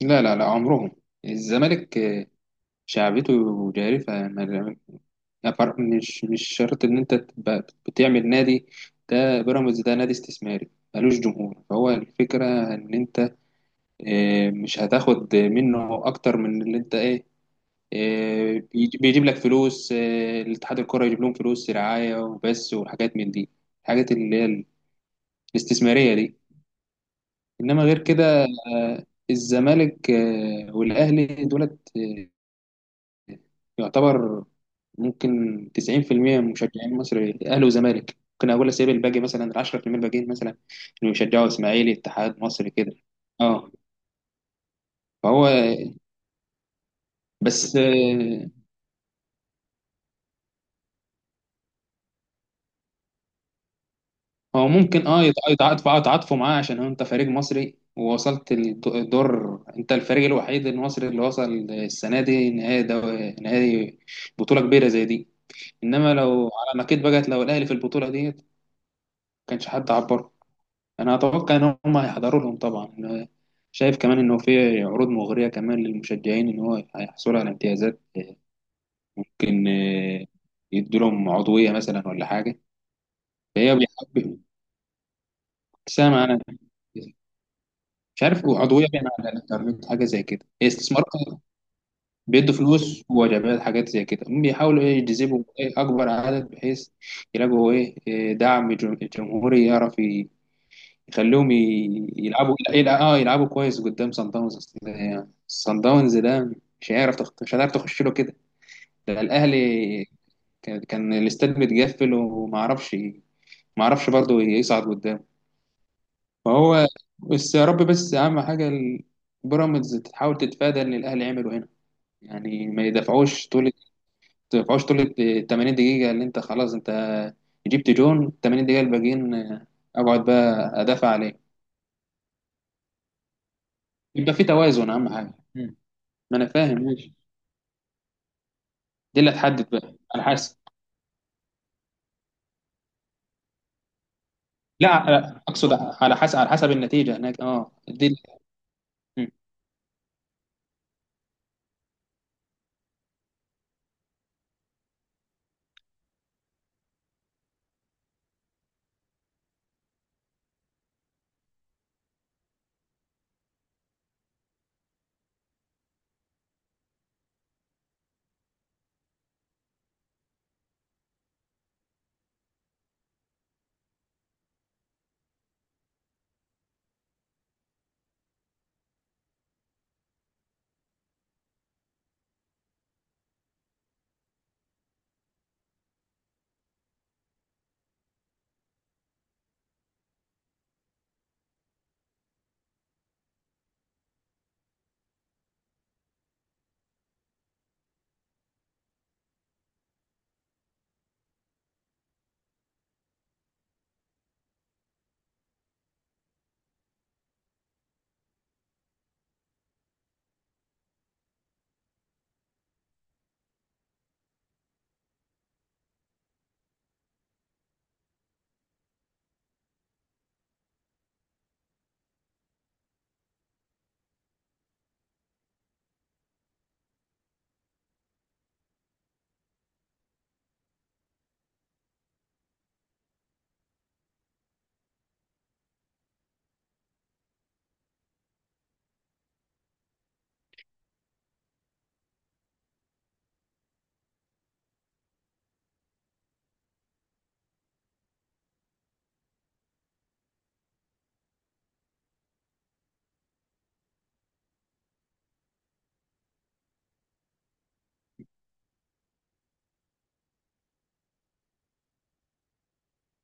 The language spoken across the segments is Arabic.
لا لا لا عمرهم الزمالك شعبيته جارفة ما- ما فرق- مش مش شرط إن أنت تبقى بتعمل نادي. ده بيراميدز ده نادي استثماري ملوش جمهور، فهو الفكرة إن أنت مش هتاخد منه أكتر من اللي أنت إيه. بيجيب لك فلوس، الاتحاد الكرة يجيب لهم فلوس رعاية وبس وحاجات من دي، الحاجات اللي هي الاستثمارية دي. إنما غير كده الزمالك والأهلي دولت يعتبر ممكن 90% من مشجعين مصر اهلي وزمالك، ممكن اقول اسيب الباقي مثلا ال 10% الباقيين مثلا اللي بيشجعوا اسماعيلي، اتحاد، مصري كده. اه فهو بس هو ممكن اه يتعاطف يتعاطفوا معاه عشان هو انت فريق مصري، ووصلت الدور. انت الفريق الوحيد المصري اللي وصل السنه دي نهائي نهائي بطوله كبيره زي دي. انما لو على ما كنت بقت، لو الاهلي في البطوله دي ما كانش حد عبر. انا اتوقع ان هم هيحضروا لهم طبعا. أنا شايف كمان انه في عروض مغريه كمان للمشجعين، ان هو هيحصلوا على امتيازات ممكن يدوا لهم عضويه مثلا ولا حاجه، فهي بيحب. سامع انا مش عارف عضويه بين على الانترنت حاجه زي كده، استثمار بيدوا فلوس ووجبات حاجات زي كده. هم بيحاولوا ايه يجذبوا إيه اكبر عدد بحيث يلاقوا ايه إيه دعم جمهوري يعرف يخلوهم يلعبوا اه يلعبوا كويس قدام سان داونز. أصل يعني سان داونز ده مش هيعرف تخ... مش هتعرف تخش له كده. ده الاهلي كان الاستاد متقفل وما اعرفش، ما اعرفش برضه يصعد قدام. فهو بس يا رب، بس اهم حاجه بيراميدز تحاول تتفادى اللي الاهلي عمله هنا. يعني ما يدفعوش طول ما يدفعوش طول ال 80 دقيقه، اللي انت خلاص انت جبت جون، 80 دقيقه الباقيين اقعد بقى ادافع عليه، يبقى في توازن اهم حاجه. ما انا فاهم ماشي، دي اللي هتحدد بقى على حسب. لا على- اقصد على حسب، على حسب النتيجه هناك اه دي مم.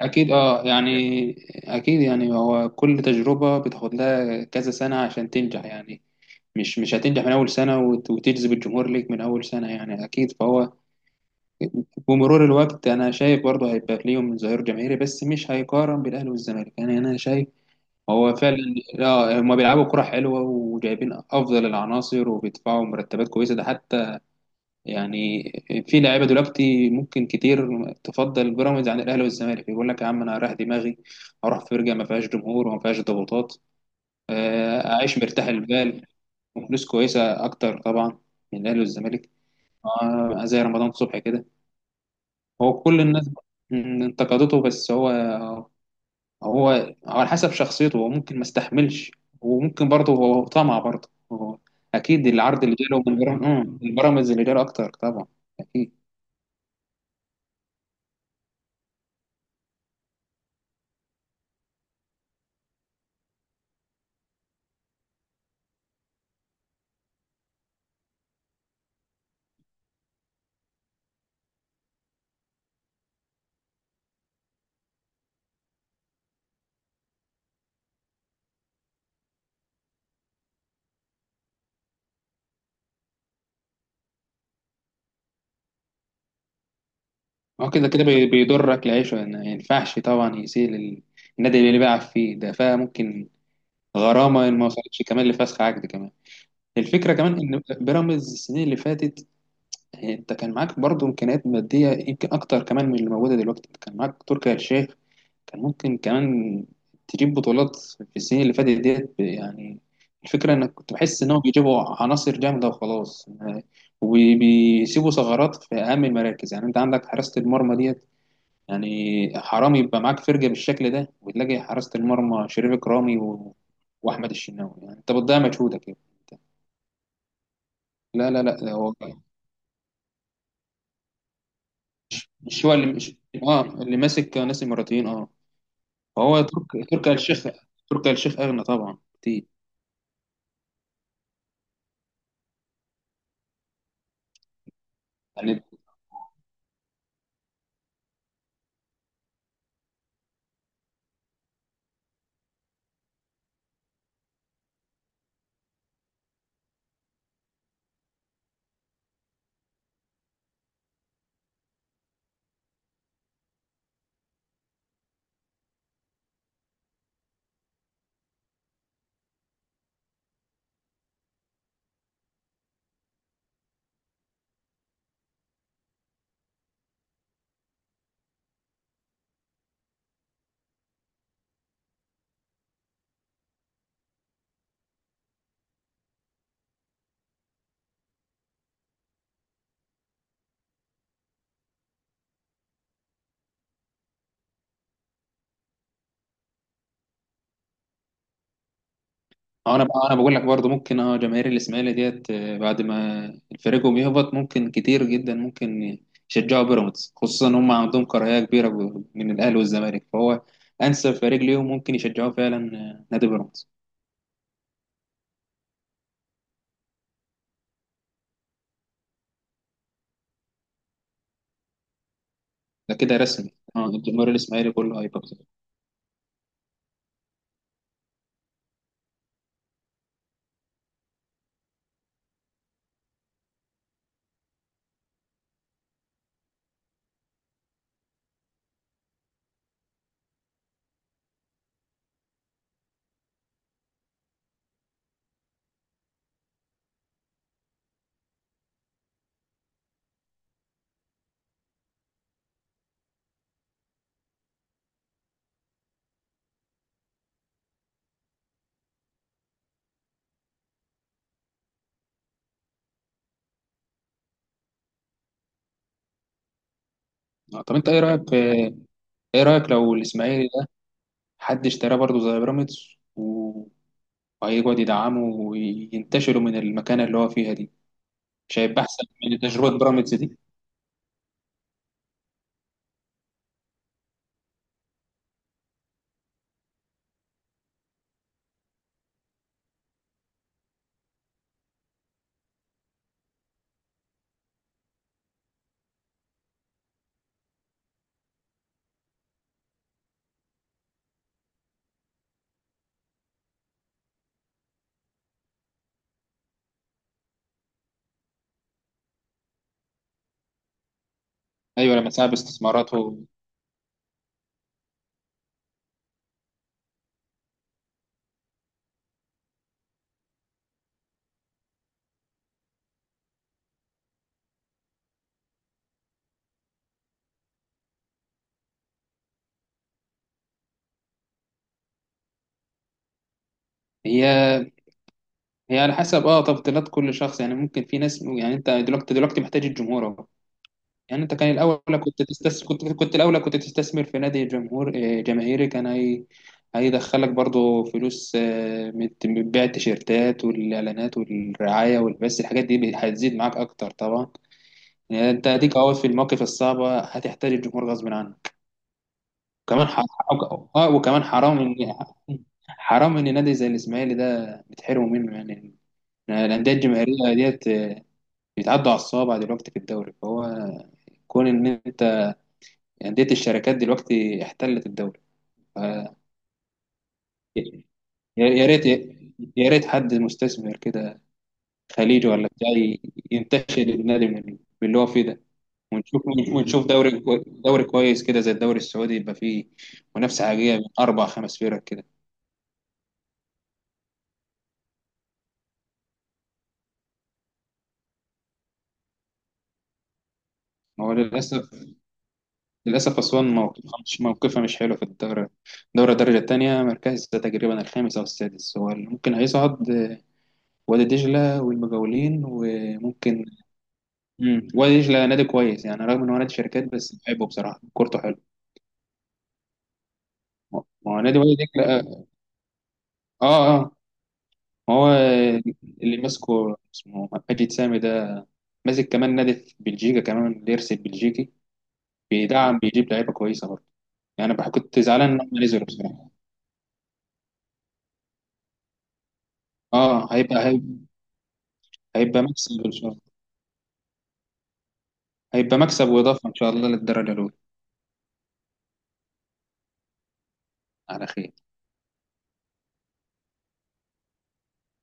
اكيد اه يعني اكيد يعني، هو كل تجربه بتاخد لها كذا سنه عشان تنجح يعني. مش هتنجح من اول سنه وتجذب الجمهور ليك من اول سنه يعني، اكيد. فهو بمرور الوقت انا شايف برضه هيبقى ليهم ظهير جماهيري، بس مش هيقارن بالاهلي والزمالك يعني. انا شايف هو فعلا اه هم بيلعبوا كرة حلوة وجايبين افضل العناصر وبيدفعوا مرتبات كويسة، ده حتى يعني في لعيبه دلوقتي ممكن كتير تفضل بيراميدز عن الاهلي والزمالك، يقول لك يا عم انا هريح دماغي، اروح فرقه ما فيهاش جمهور وما فيهاش ضغوطات، اعيش مرتاح البال وفلوس كويسه اكتر طبعا من الاهلي والزمالك. زي رمضان صبحي كده، هو كل الناس انتقدته، بس هو على حسب شخصيته، هو ممكن ما استحملش، وممكن برضه هو طمع برضه هو. اكيد العرض اللي جاله من بيراميدز، البيراميدز اللي جاله اكتر طبعا اكيد. هو كده كده بيضرك العيشة يعني، ما ينفعش طبعا يسيء النادي اللي بيلعب فيه ده، فممكن غرامة إن ما وصلتش كمان لفسخ عقد كمان. الفكرة كمان إن بيراميدز السنين اللي فاتت أنت كان معاك برضه إمكانيات مادية يمكن أكتر كمان من اللي موجودة دلوقتي، أنت كان معاك تركي آل الشيخ. كان ممكن كمان تجيب بطولات في السنين اللي فاتت ديت يعني. الفكرة إنك كنت بحس إنهم بيجيبوا عناصر جامدة وخلاص، وبيسيبوا ثغرات في أهم المراكز. يعني أنت عندك حراسة المرمى ديت يعني، حرام يبقى معاك فرجة بالشكل ده وتلاقي حراسة المرمى شريف إكرامي وأحمد الشناوي، يعني أنت بتضيع مجهودك يعني. لا لا لا ده هو، مش هو اللي مش... آه اللي ماسك ناس إماراتيين آه. فهو تركي آل الشيخ، تركي آل الشيخ أغنى طبعا كتير يعني. اه انا بقى، انا بقول لك برضو ممكن اه جماهير الاسماعيلي ديت بعد ما فريقهم يهبط، ممكن كتير جدا ممكن يشجعوا بيراميدز، خصوصا ان هم عندهم كراهيه كبيره من الاهلي والزمالك، فهو انسب فريق ليهم ممكن يشجعوه فعلا نادي بيراميدز. ده كده رسمي، اه الجمهور الاسماعيلي كله هيبقى بيراميدز. طب انت ايه رايك، ايه رايك لو الاسماعيلي ده حد اشتراه برضو زي بيراميدز و- وهيقعد يدعمه وينتشروا من المكانه اللي هو فيها دي، مش هيبقى احسن من تجربه بيراميدز دي؟ ايوه لما سحب استثماراته. هي هي على حسب اه تفضيلات كل شخص يعني، ممكن في ناس يعني، انت دلوقتي محتاج الجمهور اهو. يعني انت كان الاولى كنت تستثمر، كنت الاولى كنت تستثمر في نادي جمهور جماهيري، كان هي هيدخلك برضو فلوس من من بيع التيشيرتات والاعلانات والرعايه والبث، الحاجات دي هتزيد معاك اكتر طبعا. يعني انت هديك اهو في المواقف الصعبه هتحتاج الجمهور غصب عنك كمان. اه وكمان حرام حرام ان نادي زي الاسماعيلي ده بتحرموا منه يعني، الانديه الجماهيريه ديت بيتعدوا على الصوابع دلوقتي في الدوري. فهو كون ان انت، انديه الشركات دلوقتي احتلت الدوري ف- يا يا ريت حد مستثمر كده خليجي ولا بتاع ينتشل النادي من اللي هو فيه ده، ونشوف، ونشوف دوري دوري كويس كده زي الدوري السعودي يبقى فيه منافسه حقيقيه من اربع خمس فرق كده. ما هو للاسف، للاسف اسوان موقفها مش موقفها مش حلو في الدوري. دوري الدرجه الثانيه مركز تقريبا الخامس او السادس هو اللي ممكن هيصعد، وادي دجلة والمجاولين وممكن. مم. وادي دجلة نادي كويس يعني، رغم ان هو نادي شركات بس بحبه بصراحة كورته حلو. ما هو نادي وادي دجلة اه اه. ما هو اللي ماسكه اسمه مجيد سامي ده ماسك كمان نادي في بلجيكا كمان بيرسي بلجيكي، بيدعم بيجيب لعيبة كويسة برضه يعني كنت زعلان ان هم نزلوا بصراحة. اه هيبقى مكسب ان شاء الله، هيبقى مكسب واضافة ان شاء الله للدرجة الاولى. على خير.